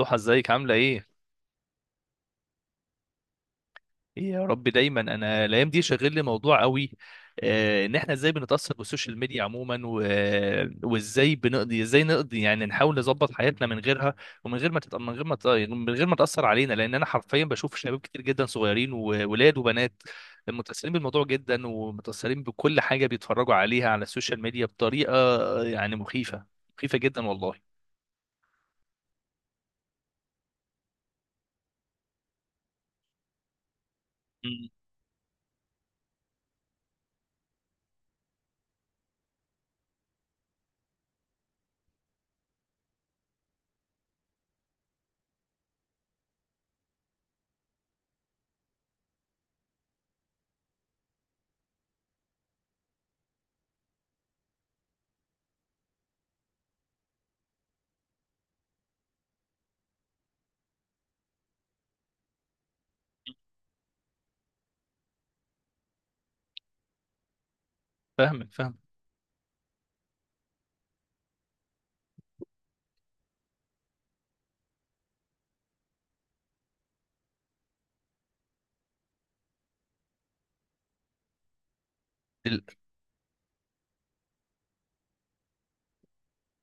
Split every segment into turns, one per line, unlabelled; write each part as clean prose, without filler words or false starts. ضحى، ازيك؟ عامله ايه؟ ايه يا رب دايما، انا الايام دي شاغل لي موضوع قوي. ان احنا ازاي بنتاثر بالسوشيال ميديا عموما وازاي بنقضي، ازاي نقضي يعني نحاول نظبط حياتنا من غيرها ومن غير ما تت... من غير ما ت... من غير ما تاثر علينا. لان انا حرفيا بشوف شباب كتير جدا صغيرين، وولاد وبنات متاثرين بالموضوع جدا، ومتاثرين بكل حاجه بيتفرجوا عليها على السوشيال ميديا بطريقه يعني مخيفه مخيفه جدا والله. مم. فاهمك، فاهم.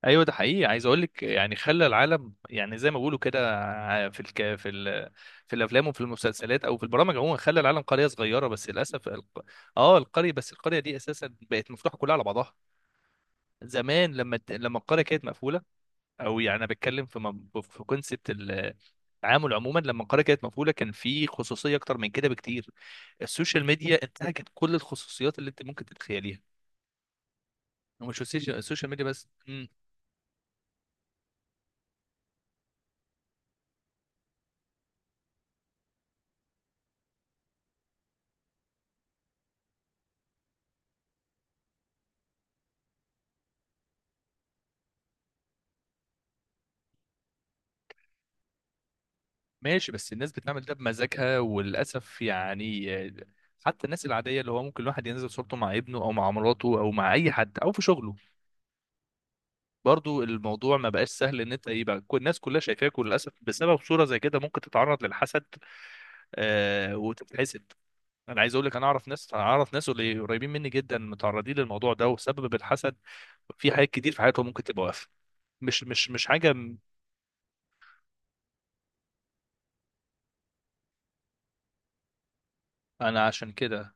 ايوه ده حقيقي. عايز اقول لك يعني خلى العالم، يعني زي ما بيقولوا كده، في الافلام وفي المسلسلات او في البرامج عموما، خلى العالم قريه صغيره. بس للاسف اه، القريه، بس القريه دي اساسا بقت مفتوحه كلها على بعضها. زمان لما القريه كانت مقفوله، او يعني انا بتكلم في في كونسبت التعامل عموما، لما القريه كانت مقفوله كان في خصوصيه اكتر من كده بكتير. السوشيال ميديا انتهكت كل الخصوصيات اللي انت ممكن تتخيليها. ومش السوشيال ميديا بس. ماشي، بس الناس بتعمل ده بمزاجها وللاسف، يعني حتى الناس العاديه، اللي هو ممكن الواحد ينزل صورته مع ابنه او مع مراته او مع اي حد او في شغله، برضو الموضوع ما بقاش سهل ان انت يبقى الناس كلها شايفاك. وللاسف بسبب صوره زي كده ممكن تتعرض للحسد، آه، وتتحسد. انا عايز اقول لك، انا اعرف ناس اللي قريبين مني جدا متعرضين للموضوع ده وسبب الحسد في حاجات كتير في حياتهم ممكن تبقى واقفه، مش حاجه انا عشان كده.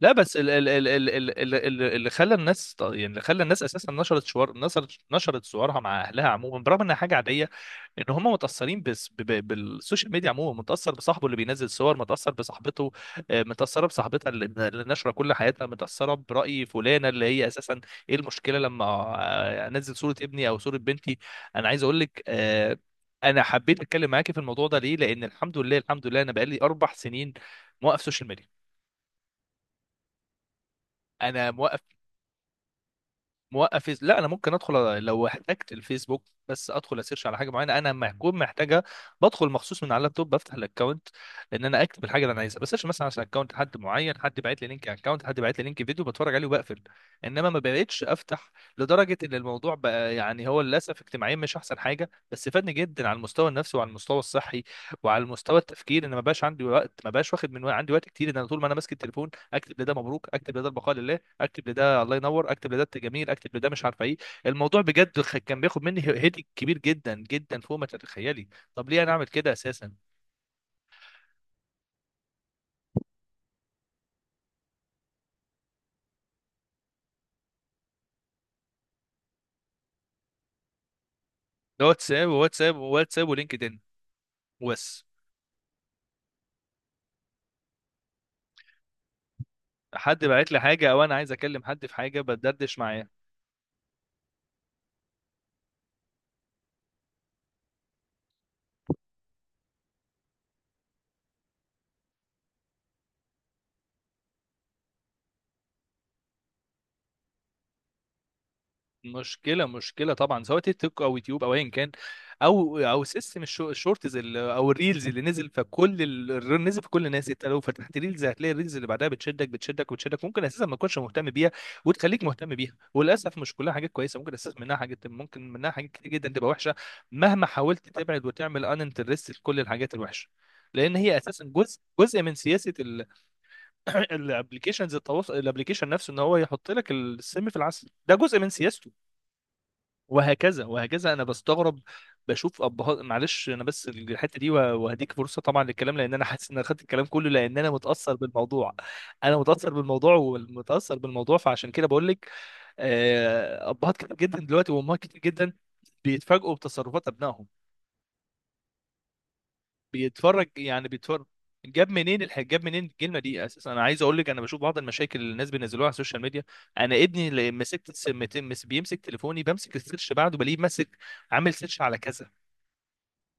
لا بس اللي خلى الناس يعني اللي خلى الناس اساسا نشرت شوار نشرت نشرت صورها مع اهلها عموما، برغم انها حاجه عاديه، ان هم متاثرين بس بالسوشيال ميديا عموما، متاثر بصاحبه اللي بينزل صور، متاثر بصاحبته، متاثره بصاحبتها اللي نشره كل حياتها، متاثره براي فلانه اللي هي اساسا. ايه المشكله لما انزل صوره ابني او صوره بنتي؟ انا عايز اقول لك، انا حبيت اتكلم معاكي في الموضوع ده ليه. لان الحمد لله، انا بقالي 4 سنين موقف سوشيال ميديا. انا موقف، لا، انا ممكن ادخل لو احتجت الفيسبوك، بس ادخل اسيرش على حاجه معينه انا لما اكون محتاجها، بدخل مخصوص من على اللابتوب، بفتح الاكونت ان انا اكتب الحاجه اللي انا عايزها، بس مثلا عشان اكونت حد معين، حد باعت لي لينك، فيديو بتفرج عليه وبقفل. انما ما بقتش افتح، لدرجه ان الموضوع بقى، يعني هو للاسف اجتماعيا مش احسن حاجه، بس فادني جدا على المستوى النفسي، وعلى المستوى الصحي، وعلى المستوى التفكير، ان ما بقاش عندي وقت، ما بقاش واخد من عندي وقت كتير ان انا طول ما انا ماسك التليفون اكتب لده مبروك، اكتب لده البقاء لله، اكتب لده الله ينور، اكتب لده انت جميل، اكتب لده مش عارفه ايه. الموضوع بجد كان بياخد مني هيدك كبير جدا جدا، فوق ما تتخيلي. طب ليه انا اعمل كده اساسا؟ ده واتساب وواتساب وواتساب ولينكد ان بس. حد بعت لي حاجه او انا عايز اكلم حد في حاجه بتدردش معاه. مشكلة، طبعا، سواء تيك توك او يوتيوب او ايا كان، او سيستم الشورتز او الريلز اللي نزل. فكل الريل نزل في كل الناس، انت لو فتحت ريلز هتلاقي الريلز اللي بعدها بتشدك، وتشدك، ممكن اساسا ما تكونش مهتم بيها وتخليك مهتم بيها. وللاسف مش كلها حاجات كويسة، ممكن اساسا منها حاجات، ممكن منها حاجات كتير جدا تبقى وحشة، مهما حاولت تبعد وتعمل ان انترست لكل الحاجات الوحشة، لان هي اساسا جزء من سياسة الابلكيشنز التواصل، الابلكيشن نفسه، ان هو يحط لك السم في العسل. ده جزء من سياسته، وهكذا انا بستغرب بشوف ابهات، معلش انا بس الحته دي، وهديك فرصه طبعا للكلام، لان انا حاسس ان انا خدت الكلام كله، لان انا متاثر بالموضوع. انا متاثر بالموضوع ومتاثر بالموضوع، فعشان كده بقول لك. ابهات كتير جدا دلوقتي، وامهات كتير جدا بيتفاجئوا بتصرفات ابنائهم. بيتفرج، يعني بيتفرج، جاب منين الكلمه دي اساسا؟ انا عايز اقول لك انا بشوف بعض المشاكل اللي الناس بينزلوها على السوشيال ميديا. انا ابني اللي مسكت بيمسك تليفوني، بمسك السيرش بعده بلاقيه ماسك عامل سيرش على كذا.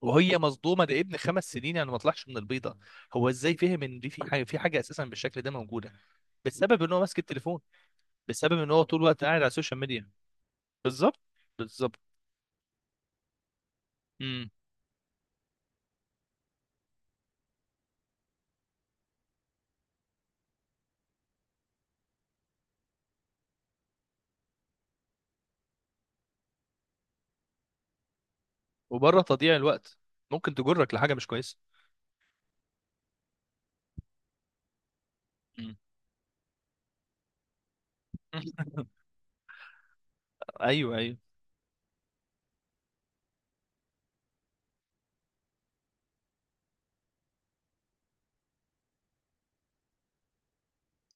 وهي مصدومه، ده ابن 5 سنين يعني ما طلعش من البيضه. هو ازاي فهم ان دي في حاجه، اساسا بالشكل ده موجوده؟ بسبب ان هو ماسك التليفون، بسبب ان هو طول الوقت قاعد على السوشيال ميديا. بالظبط، بالظبط. امم. وبره تضييع الوقت ممكن تجرك لحاجه مش كويسه. امم. ايوه، ايوه.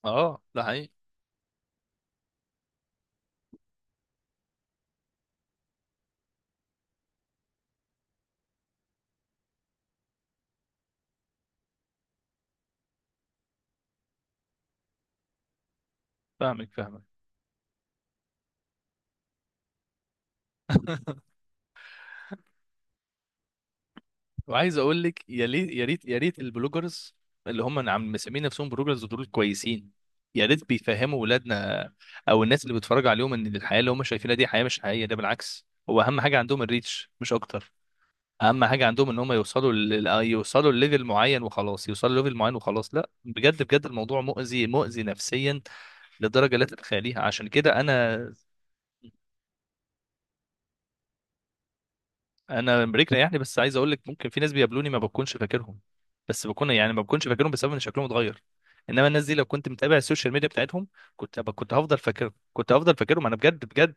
اه، ده حقيقي. فاهمك، فاهمك. وعايز اقول لك يا ليت، يا ريت البلوجرز اللي هم عم مسمين نفسهم بلوجرز دول كويسين، يا ريت بيفهموا ولادنا او الناس اللي بيتفرجوا عليهم ان الحياه اللي هم شايفينها دي حياه مش حقيقيه. ده بالعكس، هو اهم حاجه عندهم الريتش مش اكتر. اهم حاجه عندهم ان هم يوصلوا يوصلوا لليفل معين وخلاص، لا، بجد بجد الموضوع مؤذي، مؤذي نفسيا، لدرجه لا تتخيليها. عشان كده انا، انا بريك ريحني. بس عايز اقول لك ممكن في ناس بيقابلوني ما بكونش فاكرهم، بس بكون يعني ما بكونش فاكرهم بسبب ان شكلهم اتغير. انما الناس دي لو كنت متابع السوشيال ميديا بتاعتهم كنت أبقى، كنت هفضل فاكرهم. انا بجد بجد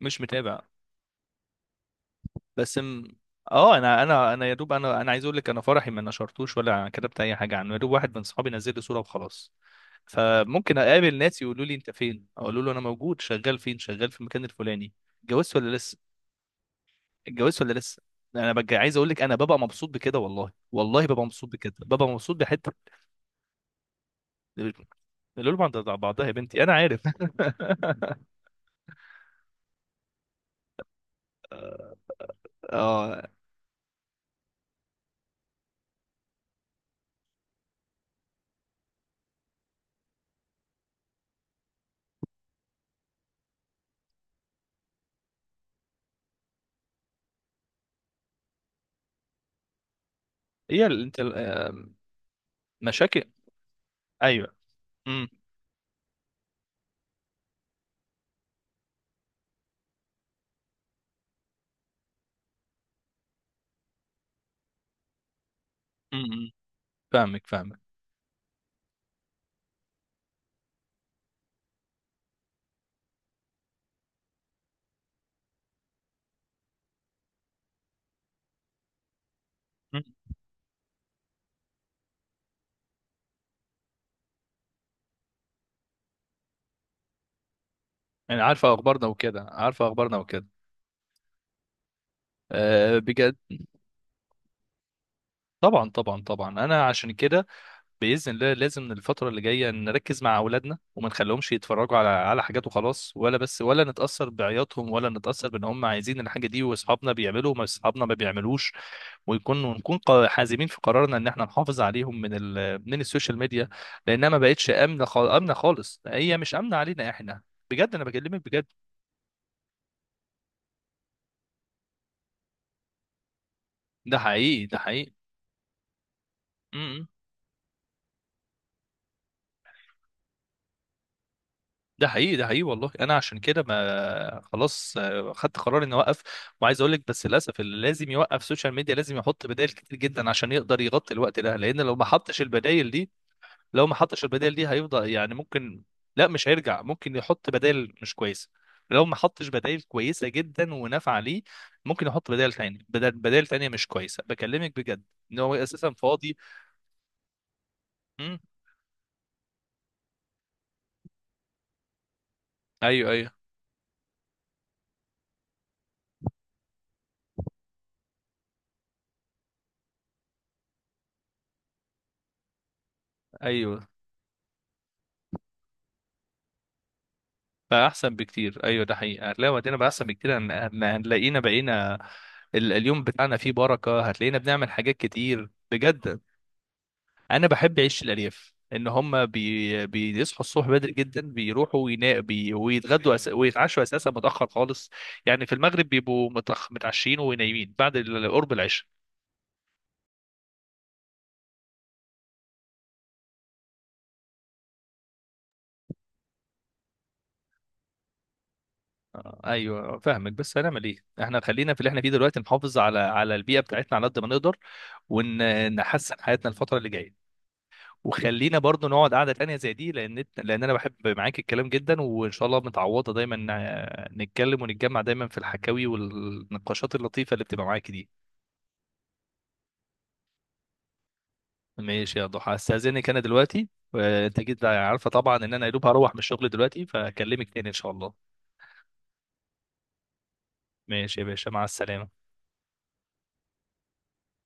مش متابع. بس م... اه، انا يا دوب، انا عايز اقول لك انا فرحي ما نشرتوش ولا كتبت اي حاجه عنه، يا دوب واحد من صحابي نزل لي صوره وخلاص. فممكن اقابل ناس يقولوا لي انت فين، اقول له انا موجود شغال، فين شغال في المكان الفلاني، اتجوزت ولا لسه اتجوزت ولا لسه. انا ببقى عايز اقول لك انا ببقى مبسوط بكده، والله ببقى مبسوط بكده، ببقى مبسوط بحته. القلوب عند بعضها يا بنتي، انا عارف. اه، هي ال- انت ال- آه، مشاكل. ايوه. امم، امم إمم. فاهمك، فاهمك. مم. انا عارفه اخبارنا وكده عارفه اخبارنا وكده. أه، بجد. طبعا انا عشان كده باذن الله لازم الفتره اللي جايه نركز مع اولادنا، وما نخليهمش يتفرجوا على حاجات وخلاص، ولا بس ولا نتاثر بعياطهم، ولا نتاثر بان هم عايزين الحاجه دي واصحابنا بيعملوا وما اصحابنا ما بيعملوش. ونكون حازمين في قرارنا ان احنا نحافظ عليهم من من السوشيال ميديا، لانها ما بقتش امنه خالص، هي مش امنه علينا احنا. بجد انا بكلمك بجد. ده حقيقي. م- م. ده حقيقي، والله. انا عشان كده، ما خلاص، خدت قرار اني اوقف. وعايز اقول لك بس للاسف، اللي لازم يوقف سوشيال ميديا لازم يحط بدائل كتير جدا عشان يقدر يغطي الوقت ده. لان لو ما حطش البدائل دي، هيفضل يعني ممكن، لا مش هيرجع، ممكن يحط بدائل مش كويسه. لو ما حطش بدائل كويسه جدا ونافعه ليه، ممكن يحط بدائل تانية، بدائل تانية مش كويسه. بكلمك بجد، ان هو اساسا فاضي. امم. ايوه ايوه. بقى احسن بكتير، ايوه ده حقيقه، هتلاقي وقتنا بقى احسن بكتير، هنلاقينا بقينا اليوم بتاعنا فيه بركه، هتلاقينا بنعمل حاجات كتير بجد. انا بحب عيش الارياف، ان هم بيصحوا الصبح بدري جدا، بيروحوا ويتغدوا ويتعشوا اساسا متاخر خالص. يعني في المغرب بيبقوا متعشين ونايمين بعد قرب العشاء. ايوه فاهمك، بس هنعمل ايه؟ احنا خلينا في اللي احنا فيه دلوقتي، نحافظ على البيئه بتاعتنا على قد ما نقدر، ونحسن حياتنا الفتره اللي جايه. وخلينا برضو نقعد قعدة تانية زي دي، لأن أنا بحب معاك الكلام جدا، وإن شاء الله متعوضة دايما، نتكلم ونتجمع دايما في الحكاوي والنقاشات اللطيفة اللي بتبقى معاك دي. ماشي يا ضحى، استأذنك أنا دلوقتي، وأنت جيت بقى، عارفة طبعا إن أنا يا دوب هروح من الشغل دلوقتي، فأكلمك تاني إن شاء الله. ماشي يا باشا، مع السلامة.